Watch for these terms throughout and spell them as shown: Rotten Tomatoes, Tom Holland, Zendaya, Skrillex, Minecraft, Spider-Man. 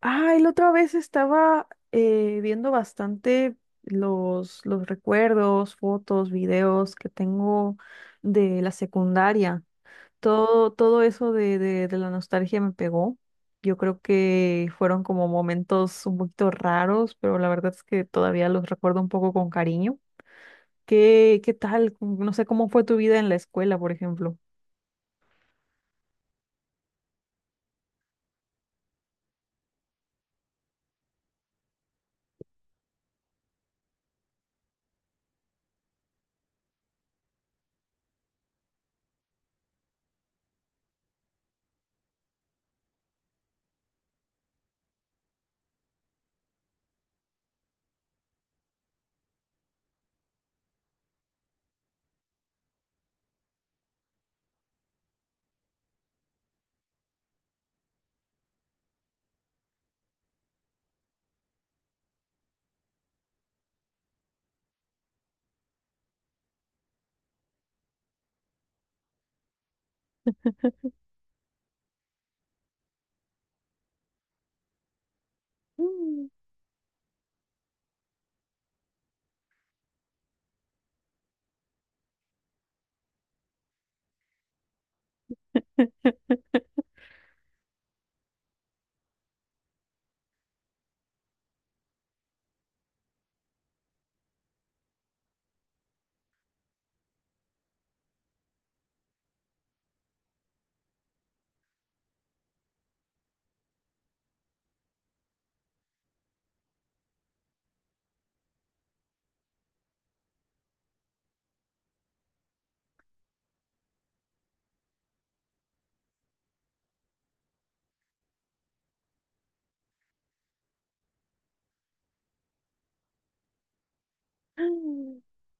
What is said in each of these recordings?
Ah, y la otra vez estaba viendo bastante los recuerdos, fotos, videos que tengo de la secundaria. Todo eso de la nostalgia me pegó. Yo creo que fueron como momentos un poquito raros, pero la verdad es que todavía los recuerdo un poco con cariño. ¿Qué tal? No sé cómo fue tu vida en la escuela, por ejemplo. Mm.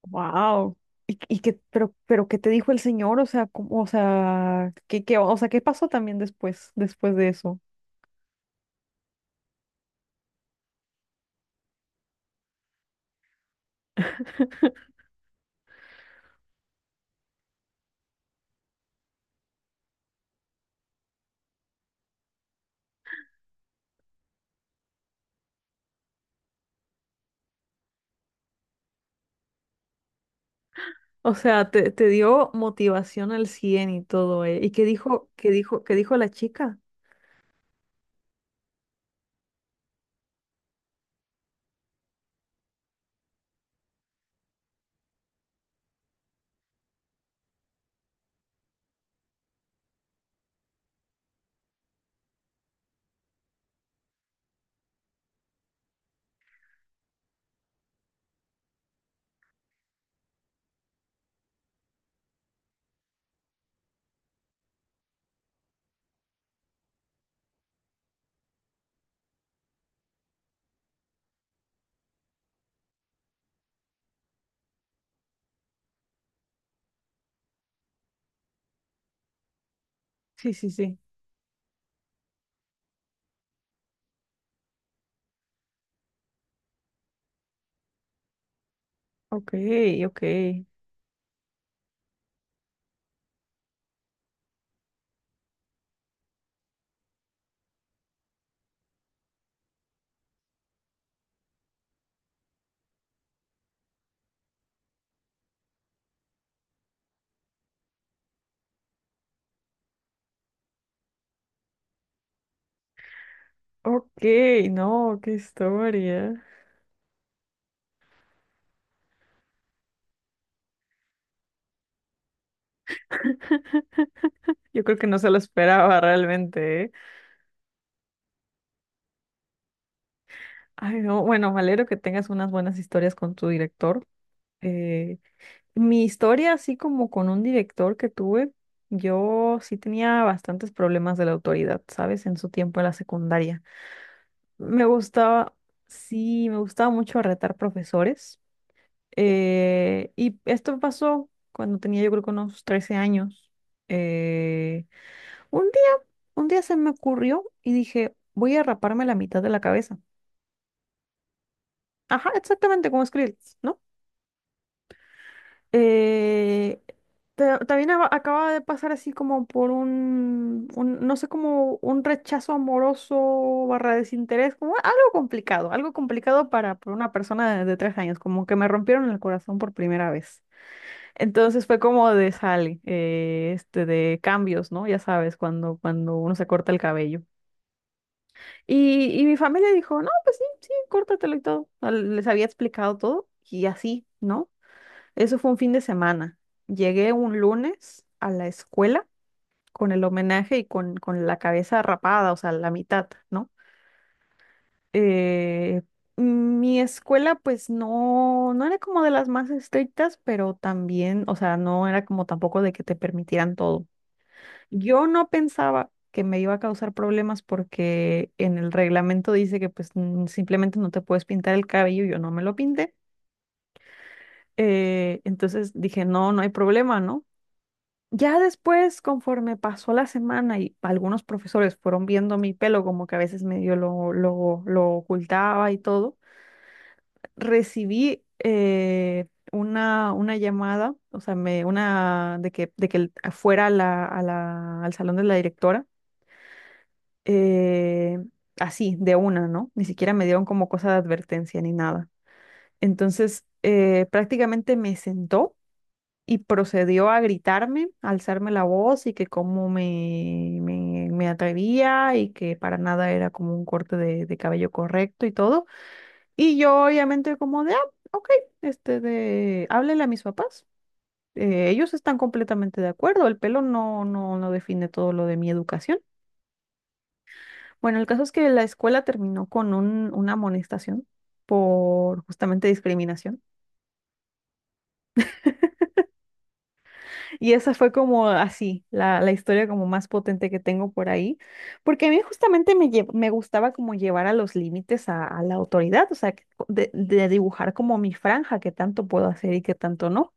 Wow. ¿Y pero qué te dijo el señor? O sea, qué pasó también después de eso? O sea, te dio motivación al 100 y todo, ¿eh? ¿Y qué dijo la chica? Sí, sí, sí. Ok, ok, ok, no, qué historia. Yo creo que no se lo esperaba realmente, ¿eh? Ay, no, bueno, me alegro que tengas unas buenas historias con tu director. Eh Mi historia, así como con un director que tuve, yo sí tenía bastantes problemas de la autoridad, ¿sabes? En su tiempo en la secundaria. Me gustaba, sí, me gustaba mucho retar profesores. Y esto pasó cuando tenía yo creo que unos 13 años. Eh, un día, un día se me ocurrió y dije, voy a raparme la mitad de la cabeza. Ajá, exactamente como Skrillex, no. Eh, Acaba de pasar así como por un, no sé, como un rechazo amoroso barra desinterés, como algo complicado para una persona de tres años, como que me rompieron el corazón por primera vez. Entonces fue como de sale, de cambios, ¿no? Ya sabes, cuando uno se corta el cabello. Y mi familia dijo, no, pues sí, sí, córtatelo y todo. O sea, les había explicado todo y así, ¿no? Eso fue un fin de semana. Llegué un lunes a la escuela con el homenaje y con la cabeza rapada, o sea, la mitad, ¿no? Eh, mi escuela, pues no era como de las más estrictas, pero también, o sea, no era como tampoco de que te permitieran todo. Yo no pensaba que me iba a causar problemas porque en el reglamento dice que pues simplemente no te puedes pintar el cabello, yo no me lo pinté. Entonces dije, no, no hay problema, ¿no? Ya después, conforme pasó la semana y algunos profesores fueron viendo mi pelo, como que a veces medio lo ocultaba y todo, recibí una llamada, o sea, me, una de que fuera a al salón de la directora, eh, así, de una, ¿no? Ni siquiera me dieron como cosa de advertencia ni nada. Entonces, prácticamente me sentó y procedió a gritarme, a alzarme la voz y que cómo me atrevía y que para nada era como un corte de cabello correcto y todo. Y yo obviamente como de, ah, ok, háblele a mis papás. Ellos están completamente de acuerdo, el pelo no define todo lo de mi educación. Bueno, el caso es que la escuela terminó con una amonestación por justamente discriminación. Y esa fue como así, la historia como más potente que tengo por ahí, porque a mí justamente me gustaba como llevar a los límites a la autoridad, o sea, de dibujar como mi franja, que tanto puedo hacer y que tanto no.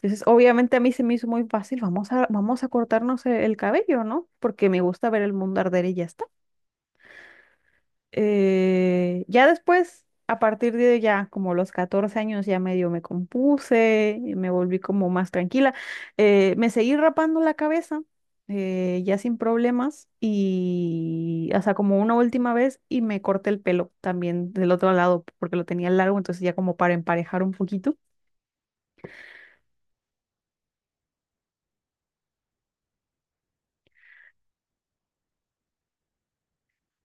Entonces, obviamente a mí se me hizo muy fácil, vamos a cortarnos el cabello, ¿no? Porque me gusta ver el mundo arder y ya está. Ya después, a partir de ya como los 14 años, ya medio me compuse, y me volví como más tranquila. Me seguí rapando la cabeza, ya sin problemas, y hasta como una última vez, y me corté el pelo también del otro lado, porque lo tenía largo, entonces ya como para emparejar un poquito.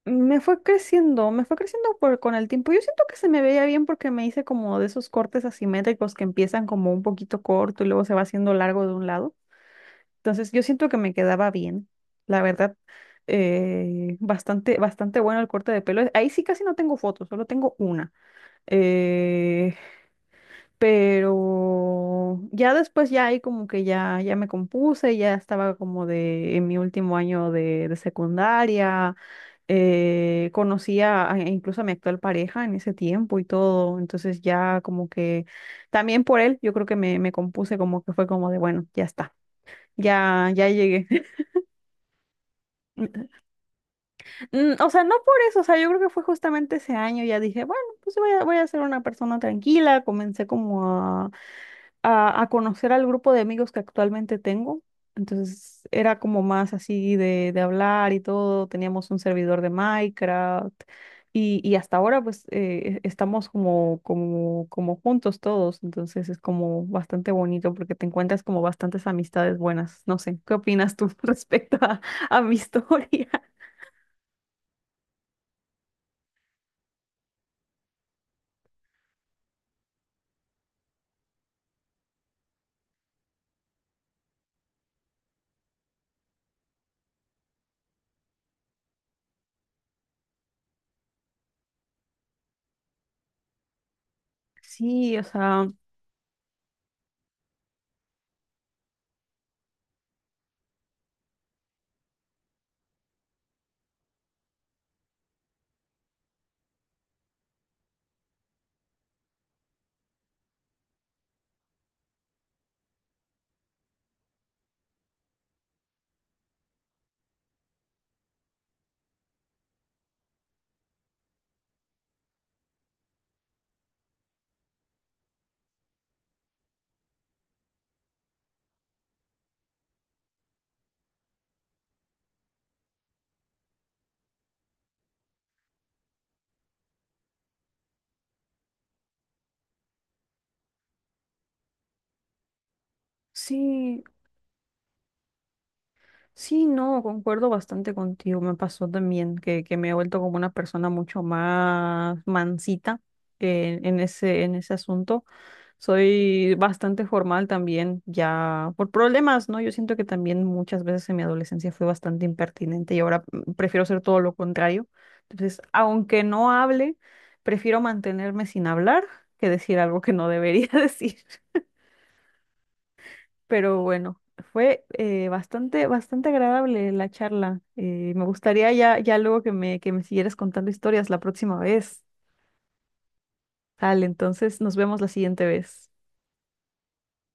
Me fue creciendo con el tiempo. Yo siento que se me veía bien porque me hice como de esos cortes asimétricos que empiezan como un poquito corto y luego se va haciendo largo de un lado. Entonces yo siento que me quedaba bien, la verdad, bastante, bastante bueno el corte de pelo. Ahí sí casi no tengo fotos, solo tengo una. Eh, pero ya después ya ahí como que ya me compuse, ya estaba como de en mi último año de secundaria, conocía incluso a mi actual pareja en ese tiempo y todo. Entonces ya como que también por él yo creo que me compuse, como que fue como de bueno, ya está, ya llegué. Mm, o sea, no por eso, o sea, yo creo que fue justamente ese año, ya dije, bueno, pues voy a ser una persona tranquila, comencé como a conocer al grupo de amigos que actualmente tengo, entonces era como más así de hablar y todo, teníamos un servidor de Minecraft y hasta ahora pues estamos como juntos todos, entonces es como bastante bonito porque te encuentras como bastantes amistades buenas, no sé, ¿qué opinas tú respecto a mi historia? Sí, o sea... Sí, sí, no, concuerdo bastante contigo. Me pasó también que me he vuelto como una persona mucho más mansita en en ese asunto. Soy bastante formal también, ya por problemas, ¿no? Yo siento que también muchas veces en mi adolescencia fui bastante impertinente y ahora mm, prefiero ser todo lo contrario. Entonces, aunque no hable, prefiero mantenerme sin hablar que decir algo que no debería decir. Pero bueno, fue bastante, bastante agradable la charla. Me gustaría ya luego que que me siguieras contando historias la próxima vez. Tal, entonces nos vemos la siguiente vez.